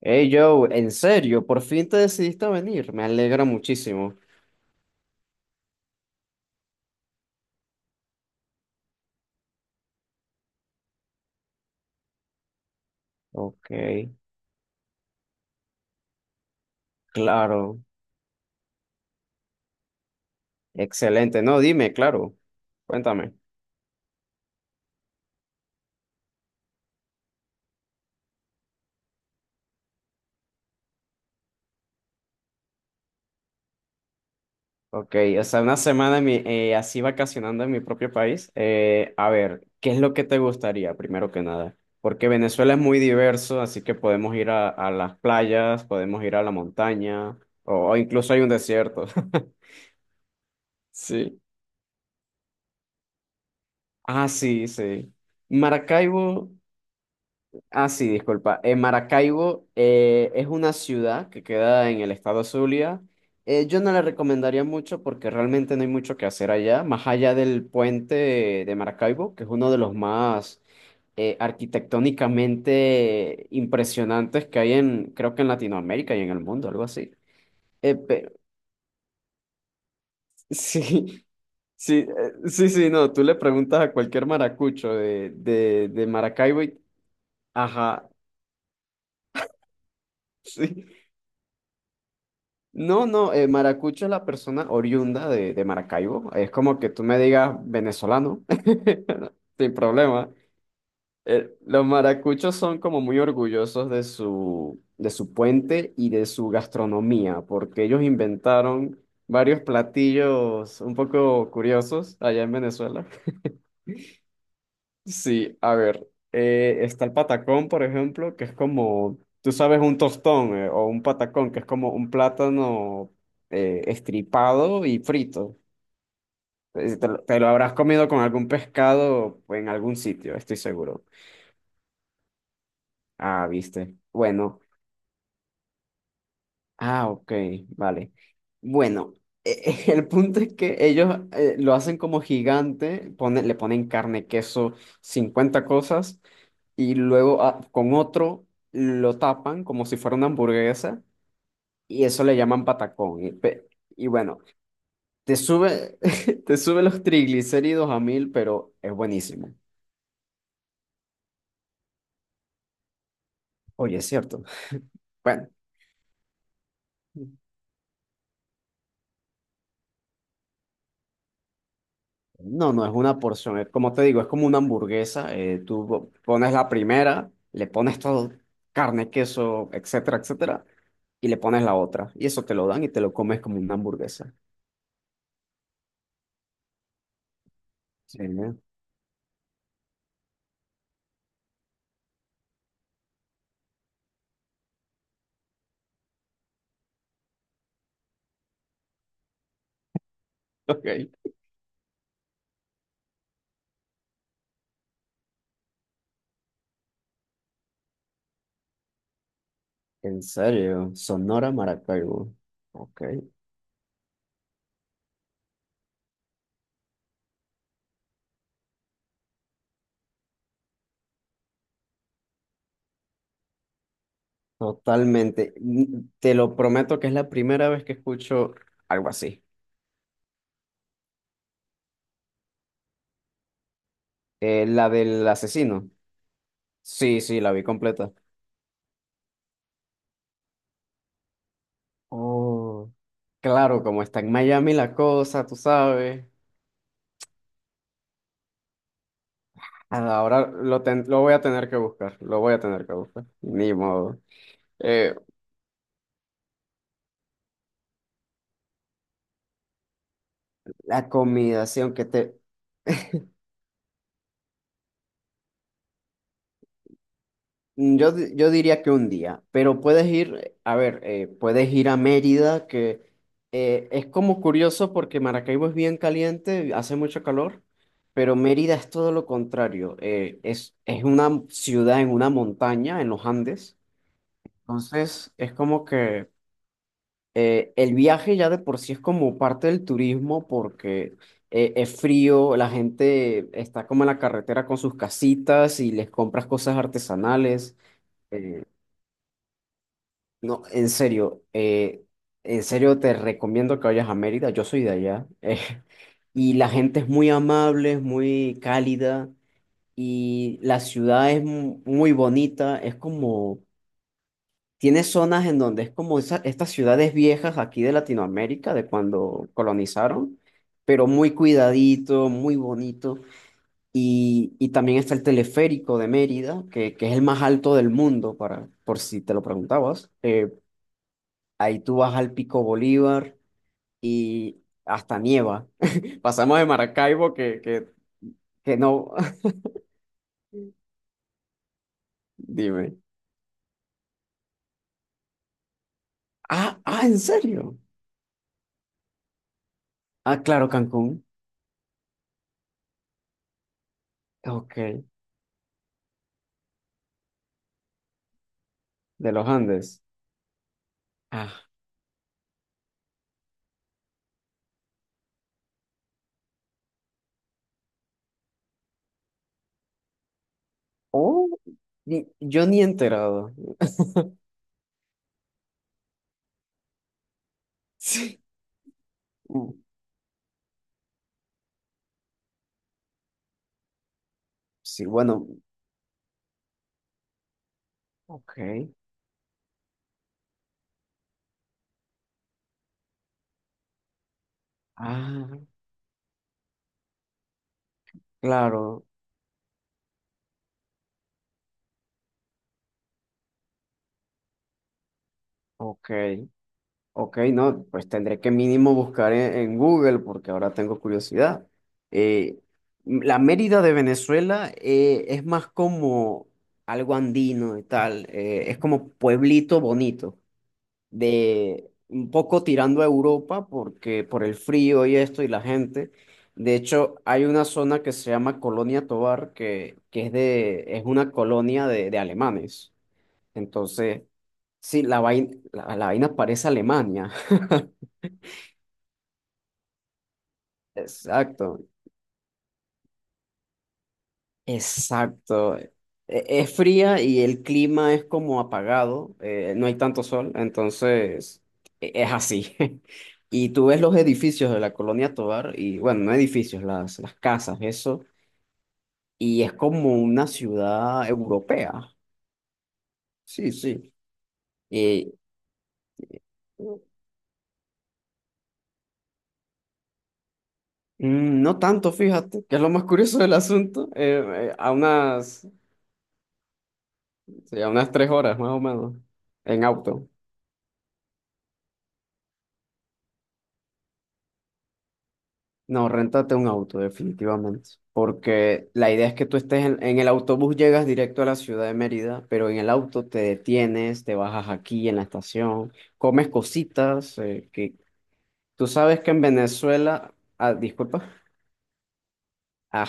Hey Joe, en serio, por fin te decidiste a venir, me alegra muchísimo. Ok, claro, excelente. No, dime, claro, cuéntame. Ok, o sea, una semana así vacacionando en mi propio país. A ver, ¿qué es lo que te gustaría, primero que nada? Porque Venezuela es muy diverso, así que podemos ir a las playas, podemos ir a la montaña, o incluso hay un desierto. Sí. Ah, sí, sí. Maracaibo. Ah, sí, disculpa. Maracaibo es una ciudad que queda en el estado Zulia. Yo no la recomendaría mucho porque realmente no hay mucho que hacer allá, más allá del puente de Maracaibo, que es uno de los más arquitectónicamente impresionantes que hay en, creo que en Latinoamérica y en el mundo, algo así. Eh, pero, sí, sí, sí, sí, no, tú le preguntas a cualquier maracucho de Maracaibo y, ajá. Sí. No, no, maracucho es la persona oriunda de Maracaibo. Es como que tú me digas venezolano, sin problema. Los maracuchos son como muy orgullosos de su puente y de su gastronomía, porque ellos inventaron varios platillos un poco curiosos allá en Venezuela. Sí, a ver, está el patacón, por ejemplo, que es como, tú sabes, un tostón o un patacón, que es como un plátano estripado y frito. Te lo habrás comido con algún pescado o en algún sitio, estoy seguro. Ah, viste. Bueno, ah, ok, vale. Bueno, el punto es que ellos lo hacen como gigante, le ponen carne, queso, 50 cosas. Y luego con otro lo tapan como si fuera una hamburguesa y eso le llaman patacón. Y bueno, te sube, te sube los triglicéridos a mil, pero es buenísimo. Oye, es cierto. Bueno, no, no es una porción, es como te digo, es como una hamburguesa. Tú pones la primera, le pones todo, carne, queso, etcétera, etcétera, y le pones la otra. Y eso te lo dan y te lo comes como una hamburguesa. Sí, ¿no? Ok. En serio, Sonora Maracaibo. Ok, totalmente. Te lo prometo que es la primera vez que escucho algo así. La del asesino. Sí, sí, la vi completa. Oh. Claro, como está en Miami la cosa, tú sabes. Ahora lo voy a tener que buscar, lo voy a tener que buscar. Ni modo. Eh, la comida, sí, aunque te, yo diría que un día, pero puedes ir, a ver, puedes ir a Mérida, que es como curioso porque Maracaibo es bien caliente, hace mucho calor, pero Mérida es todo lo contrario, es una ciudad en una montaña, en los Andes, entonces es como que el viaje ya de por sí es como parte del turismo porque es frío, la gente está como en la carretera con sus casitas y les compras cosas artesanales. eh, No, en serio te recomiendo que vayas a Mérida, yo soy de allá, y la gente es muy amable, es muy cálida, y la ciudad es muy bonita, es como, tiene zonas en donde es como estas ciudades viejas aquí de Latinoamérica, de cuando colonizaron, pero muy cuidadito, muy bonito, y también está el teleférico de Mérida, que es el más alto del mundo, para, por si te lo preguntabas. Ahí tú vas al Pico Bolívar y hasta nieva. Pasamos de Maracaibo que no. Dime. Ah, ah, ¿en serio? Ah, claro, Cancún. Ok, de los Andes. Ah, oh, yo ni he enterado. Sí, Mm, sí, bueno, ok. Ah, claro, ok. Ok, no, pues tendré que mínimo buscar en Google porque ahora tengo curiosidad. Eh, la Mérida de Venezuela es más como algo andino y tal, es como pueblito bonito, de un poco tirando a Europa porque por el frío y esto y la gente. De hecho, hay una zona que se llama Colonia Tovar que es de, es una colonia de alemanes. Entonces, sí, la vaina, la vaina parece Alemania. Exacto, exacto. Es fría y el clima es como apagado, no hay tanto sol, entonces es así. Y tú ves los edificios de la Colonia Tovar, y bueno, no edificios, las casas, eso, y es como una ciudad europea. Sí, sí. Y no tanto, fíjate, que es lo más curioso del asunto, a unas sí, a unas 3 horas más o menos en auto. No, réntate un auto, definitivamente. Porque la idea es que tú estés en el autobús, llegas directo a la ciudad de Mérida, pero en el auto te detienes, te bajas aquí en la estación, comes cositas, que tú sabes que en Venezuela, ah, disculpa, ah,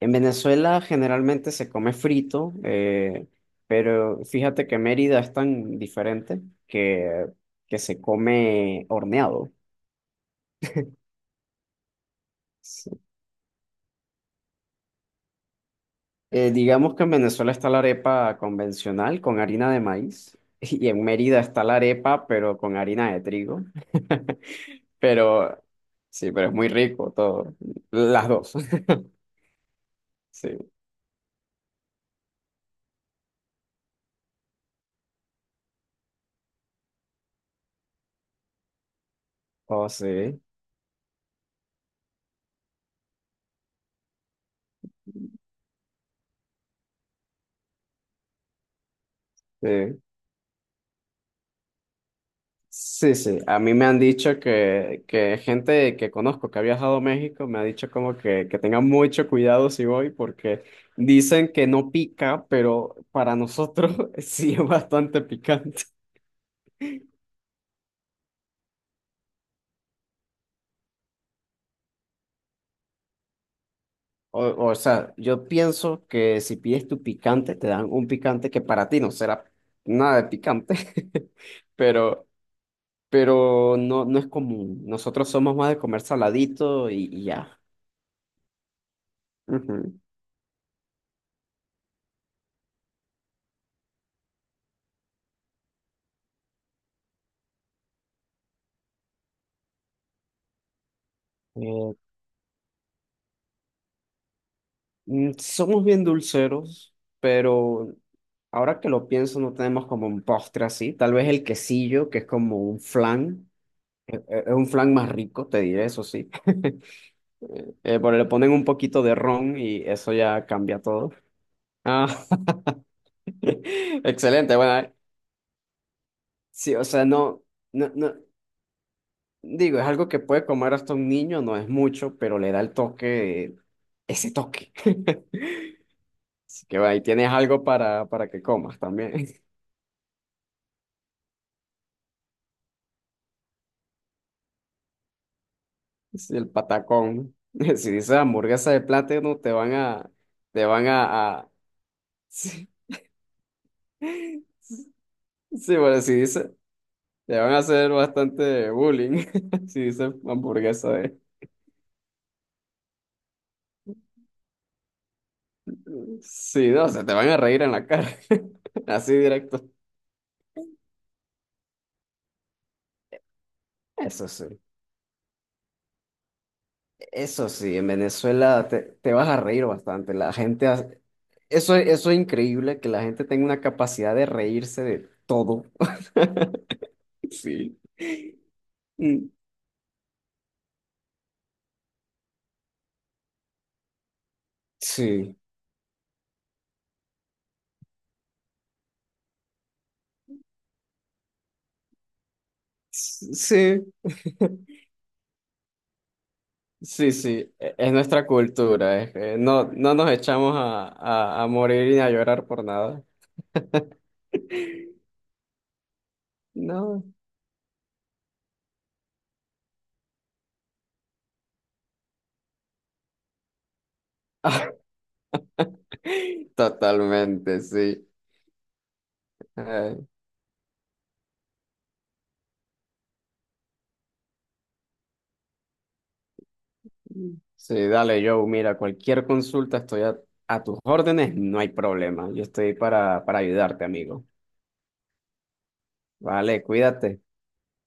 en Venezuela generalmente se come frito, pero fíjate que Mérida es tan diferente que se come horneado. Digamos que en Venezuela está la arepa convencional con harina de maíz y en Mérida está la arepa pero con harina de trigo. Pero sí, pero es muy rico todo, las dos. Sí. Oh, sí, sí. Sí, sí. A mí me han dicho que gente que conozco que ha viajado a México me ha dicho como que tenga mucho cuidado si voy porque dicen que no pica, pero para nosotros sí es bastante picante. O, o sea, yo pienso que si pides tu picante, te dan un picante que para ti no será nada de picante, pero, pero no, no es común. Nosotros somos más de comer saladito y ya. Ujú. Eh, somos bien dulceros, pero ahora que lo pienso, no tenemos como un postre así. Tal vez el quesillo, que es como un flan. Es un flan más rico, te diré, eso sí. Pero le ponen un poquito de ron y eso ya cambia todo. Ah, excelente. Bueno, sí, o sea, no, no, no, digo, es algo que puede comer hasta un niño, no es mucho, pero le da el toque, ese toque. Así que bueno, ahí tienes algo para que comas también. Sí, el patacón. Si dices hamburguesa de plátano, te van a, sí, sí, bueno, si dices, te van a hacer bastante bullying. Si dices hamburguesa de, sí, no, se te van a reír en la cara. Así directo. Eso sí. Eso sí, en Venezuela te, te vas a reír bastante. Eso, eso es increíble, que la gente tenga una capacidad de reírse de todo. Sí. Mm. Sí, sí, sí, sí, es nuestra cultura. Es que no, no nos echamos a morir ni a llorar por nada. No. Totalmente, sí. Mm. Sí, dale, Joe, mira, cualquier consulta estoy a tus órdenes, no hay problema. Yo estoy para ayudarte, amigo. Vale, cuídate.